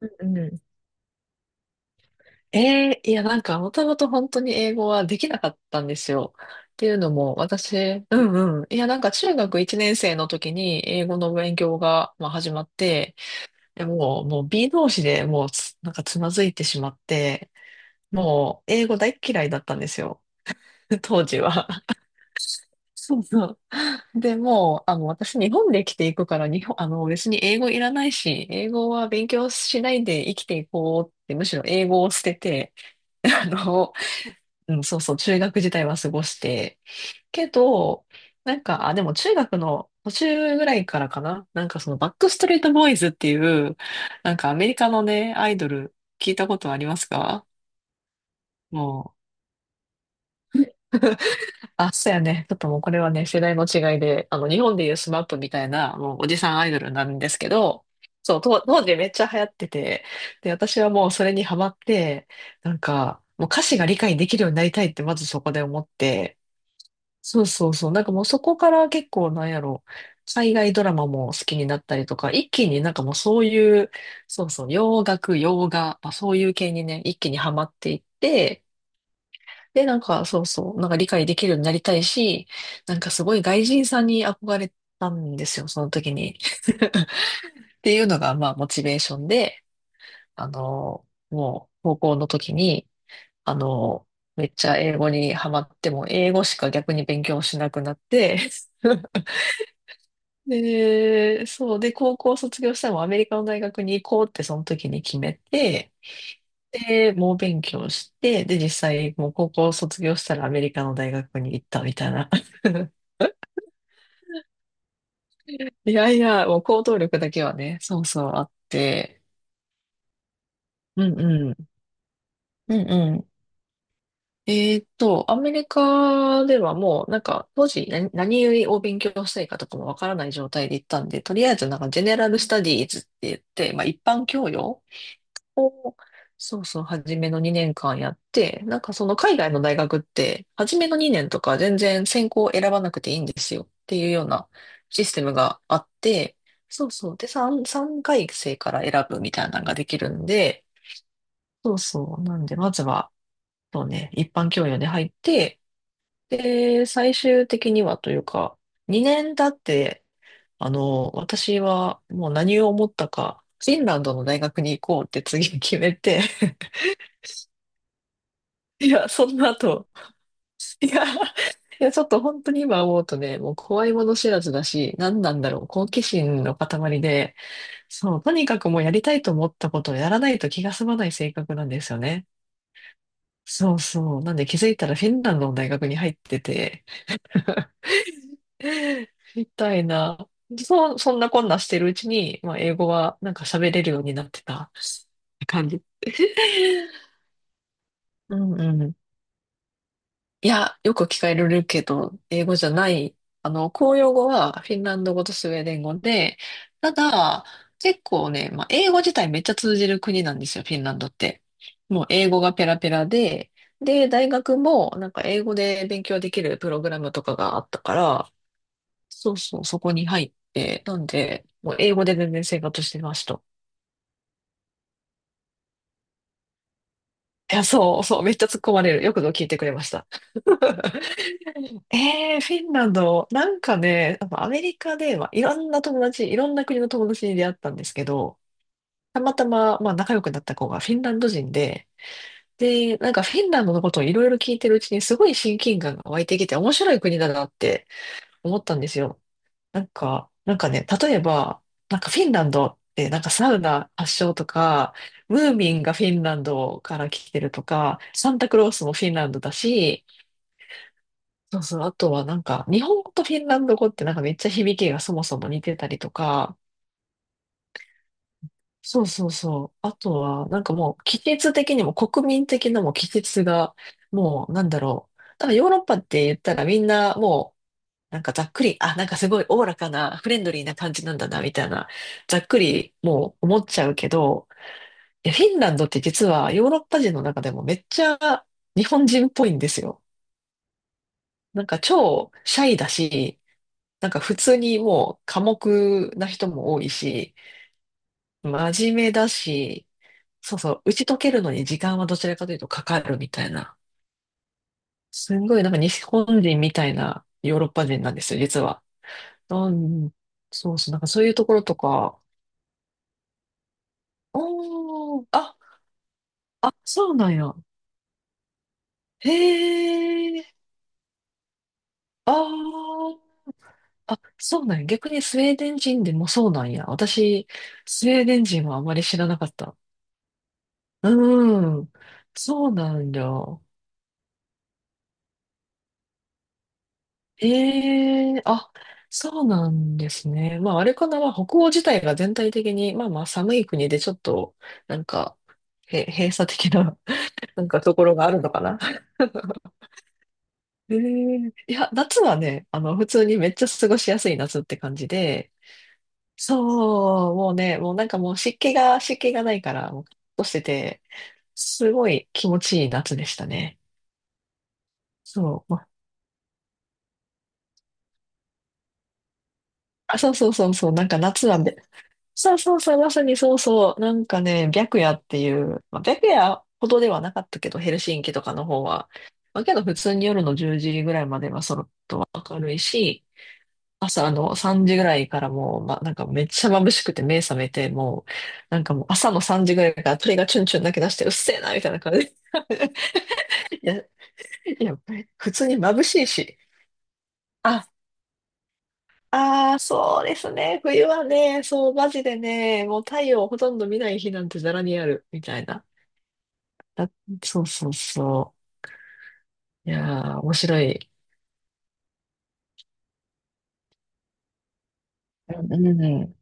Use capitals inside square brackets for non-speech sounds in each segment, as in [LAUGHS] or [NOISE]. うんうん。もともと本当に英語はできなかったんですよ。っていうのも、私、中学1年生の時に英語の勉強が、始まって、でもう、もう B 同士でもうつ、なんか、つまずいてしまって、もう、英語大っ嫌いだったんですよ。[LAUGHS] 当時は。そうそう。でもう、あの、私、日本で生きていくから、日本、あの、別に英語いらないし、英語は勉強しないで生きていこうって、むしろ英語を捨てて、[LAUGHS] あの、[LAUGHS] 中学時代は過ごして。けど、でも中学の途中ぐらいからかな。そのバックストリートボーイズっていう、なんかアメリカのね、アイドル聞いたことありますか？もう。[LAUGHS] あ、そうやね。ちょっともうこれはね、世代の違いで、日本でいうスマップみたいな、もうおじさんアイドルなんですけど、そう、当時めっちゃ流行ってて、で、私はもうそれにハマって、もう歌詞が理解できるようになりたいってまずそこで思って、そうそうそう。なんかもうそこから結構なんやろ、海外ドラマも好きになったりとか、一気になんかもうそういう、そうそう、洋楽、洋画、まあ、そういう系にね、一気にハマっていって、で、理解できるようになりたいし、なんかすごい外人さんに憧れたんですよ、その時に。[LAUGHS] っていうのが、まあ、モチベーションで、高校の時に、あの、めっちゃ英語にハマっても、英語しか逆に勉強しなくなって、[LAUGHS] で、そう。で、高校卒業したらもうアメリカの大学に行こうってその時に決めて、で、猛勉強して、で、実際、もう高校卒業したらアメリカの大学に行ったみたいな。[LAUGHS] いやいや、もう行動力だけはね、そうそうあって。うんうん。うんうん。アメリカではもう、なんか、当時何を勉強したいかとかもわからない状態で行ったんで、とりあえずなんか、ジェネラルスタディーズって言って、まあ、一般教養を、そうそう、初めの2年間やって、なんかその海外の大学って、初めの2年とか全然専攻を選ばなくていいんですよっていうようなシステムがあって、そうそう。で、3、三回生から選ぶみたいなのができるんで、そうそう。なんで、まずは、そうね、一般教養で入って、で、最終的にはというか、2年経って、私はもう何を思ったか、フィンランドの大学に行こうって次決めて。いや、そんな後、いや、いや、ちょっと本当に今思うとね、もう怖いもの知らずだし、何なんだろう、好奇心の塊で、そう、とにかくもうやりたいと思ったことをやらないと気が済まない性格なんですよね。そうそう。なんで気づいたらフィンランドの大学に入ってて、みたいな。そう、そんなこんなしてるうちに、まあ、英語はなんか喋れるようになってた感じ。[LAUGHS] うんうん。いや、よく聞かれるけど、英語じゃない。公用語はフィンランド語とスウェーデン語で、ただ、結構ね、まあ、英語自体めっちゃ通じる国なんですよ、フィンランドって。もう英語がペラペラで、で、大学もなんか英語で勉強できるプログラムとかがあったから、そうそう、そこに入って、なんで、もう英語で全然生活してました。いや、そう、めっちゃ突っ込まれる。よくぞ聞いてくれました。[LAUGHS] ええフィンランド、なんかね、やっぱアメリカで、まあ、いろんな友達、いろんな国の友達に出会ったんですけど、たまたま、まあ、仲良くなった子がフィンランド人で、で、なんかフィンランドのことをいろいろ聞いてるうちにすごい親近感が湧いてきて面白い国だなって思ったんですよ。例えば、なんかフィンランドってなんかサウナ発祥とか、ムーミンがフィンランドから来てるとか、サンタクロースもフィンランドだし、そうそう。あとはなんか、日本語とフィンランド語ってなんかめっちゃ響きがそもそも似てたりとか、そうそうそう。あとは、なんかもう、季節的にも国民的なもう季節が、なんだろう。多分ヨーロッパって言ったらみんなもう、なんかざっくり、なんかすごいおおらかな、フレンドリーな感じなんだな、みたいな、ざっくりもう思っちゃうけど、いや、フィンランドって実はヨーロッパ人の中でもめっちゃ日本人っぽいんですよ。なんか超シャイだし、なんか普通にもう寡黙な人も多いし、真面目だし、そうそう、打ち解けるのに時間はどちらかというとかかるみたいな。すんごいなんか日本人みたいなヨーロッパ人なんですよ、実は。うん、そうそう、なんかそういうところとか、おー、そうなんや。へえ、あー、あ、そうなんや。逆にスウェーデン人でもそうなんや。私、スウェーデン人はあまり知らなかった。うーん、そうなんだ。ええあ、そうなんですね。まあ、あれかな、まあ、北欧自体が全体的に、まあまあ、寒い国でちょっと、なんか、閉鎖的な、[LAUGHS] なんかところがあるのかな。いや、夏はね、普通にめっちゃ過ごしやすい夏って感じで、そう、もうね、もうなんかもう湿気が、湿気がないから、もう、カッとしてて、すごい気持ちいい夏でしたね。そう、まあ、そうそうそうそう、なんか夏はべそうそうそう、まさにそうそう。なんかね、白夜っていう、まあ、白夜ほどではなかったけど、ヘルシンキとかの方は。まあ、けど普通に夜の10時ぐらいまではそろっと明るいし、朝の3時ぐらいからもう、なんかめっちゃ眩しくて目覚めて、もう、なんかもう朝の3時ぐらいから鳥がチュンチュン鳴き出して、うっせえな、みたいな感じで。[LAUGHS] いや、いや、普通に眩しいし。あああ、そうですね。冬はね、そう、マジでね、もう太陽をほとんど見ない日なんてざらにある、みたいな。だそうそうそう。いやー、面白い。うんうんうん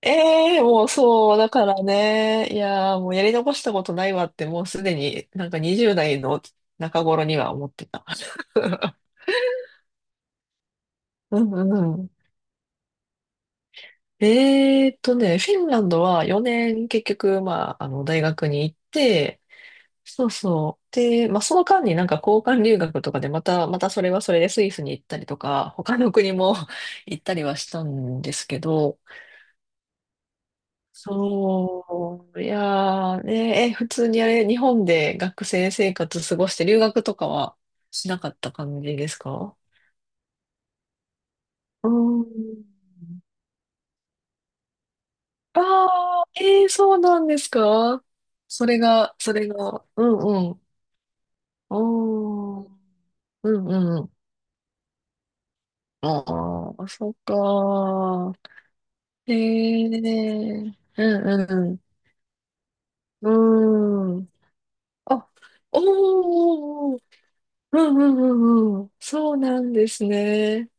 ええーもうそう、だからね、いやー、もうやり残したことないわって、もうすでになんか20代の中頃には思ってた。[LAUGHS] うんうんうん。フィンランドは4年結局、まあ、大学に行って、そうそう。で、まあ、その間になんか交換留学とかでまたそれはそれでスイスに行ったりとか、他の国も [LAUGHS] 行ったりはしたんですけど、そう、いやーね、え、普通にあれ、日本で学生生活過ごして留学とかはしなかった感じですか？うん。ああ、えー、そうなんですか？それが、それが、うんうん。おー、うんうん。ああ、そっか。へえ、うんうん。うん。あ、おー、うんうんうんうん。そうなんですね。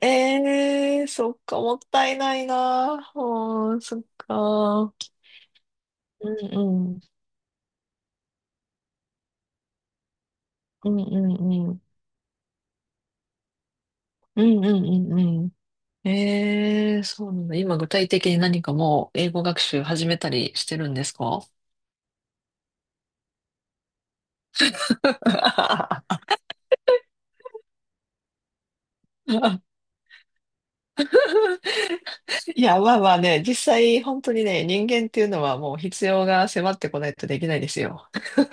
ええ、そっか、もったいないな。うん、そっか。うん。うん。うんうんうん。うんうんうんうん。ええ、そうなんだ。今具体的に何かもう英語学習始めたりしてるんですか？ [LAUGHS] いや、まあまあね、実際本当にね、人間っていうのはもう必要が迫ってこないとできないですよ。[LAUGHS]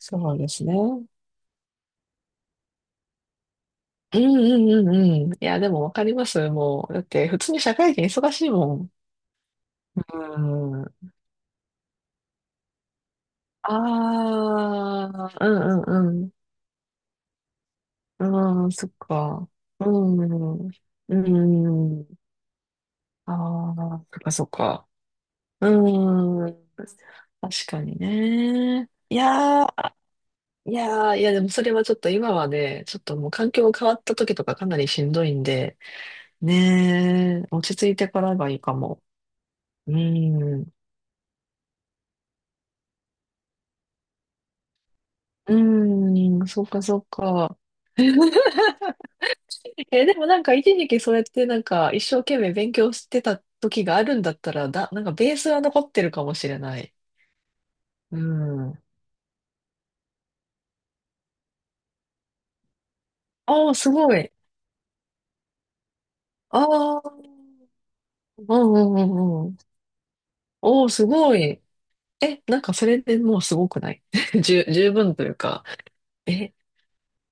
そうですね。うんうんうんうん。いや、でもわかります。もう、だって普通に社会人忙しいもん。うん。ああ、うんうんうん。うん、そっか。うん。うん。ああ、そっかそっか。うん。確かにね。いやでもそれはちょっと今はね、ちょっともう環境が変わった時とかかなりしんどいんで、ねー、落ち着いてからがいいかも。うーん。うん、そうかそうか。[LAUGHS] え、でもなんか一時期それってなんか一生懸命勉強してた時があるんだったら、なんかベースは残ってるかもしれない。うん。ああ、すごい。ああ、うんうんうんうん。おお、すごい。え、なんかそれでもうすごくない？ [LAUGHS] 十分というか。え、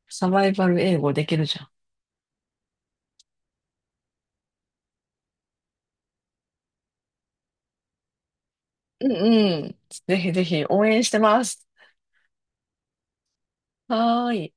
サバイバル英語できるじゃん。うんうん。ぜひぜひ応援してます。はーい。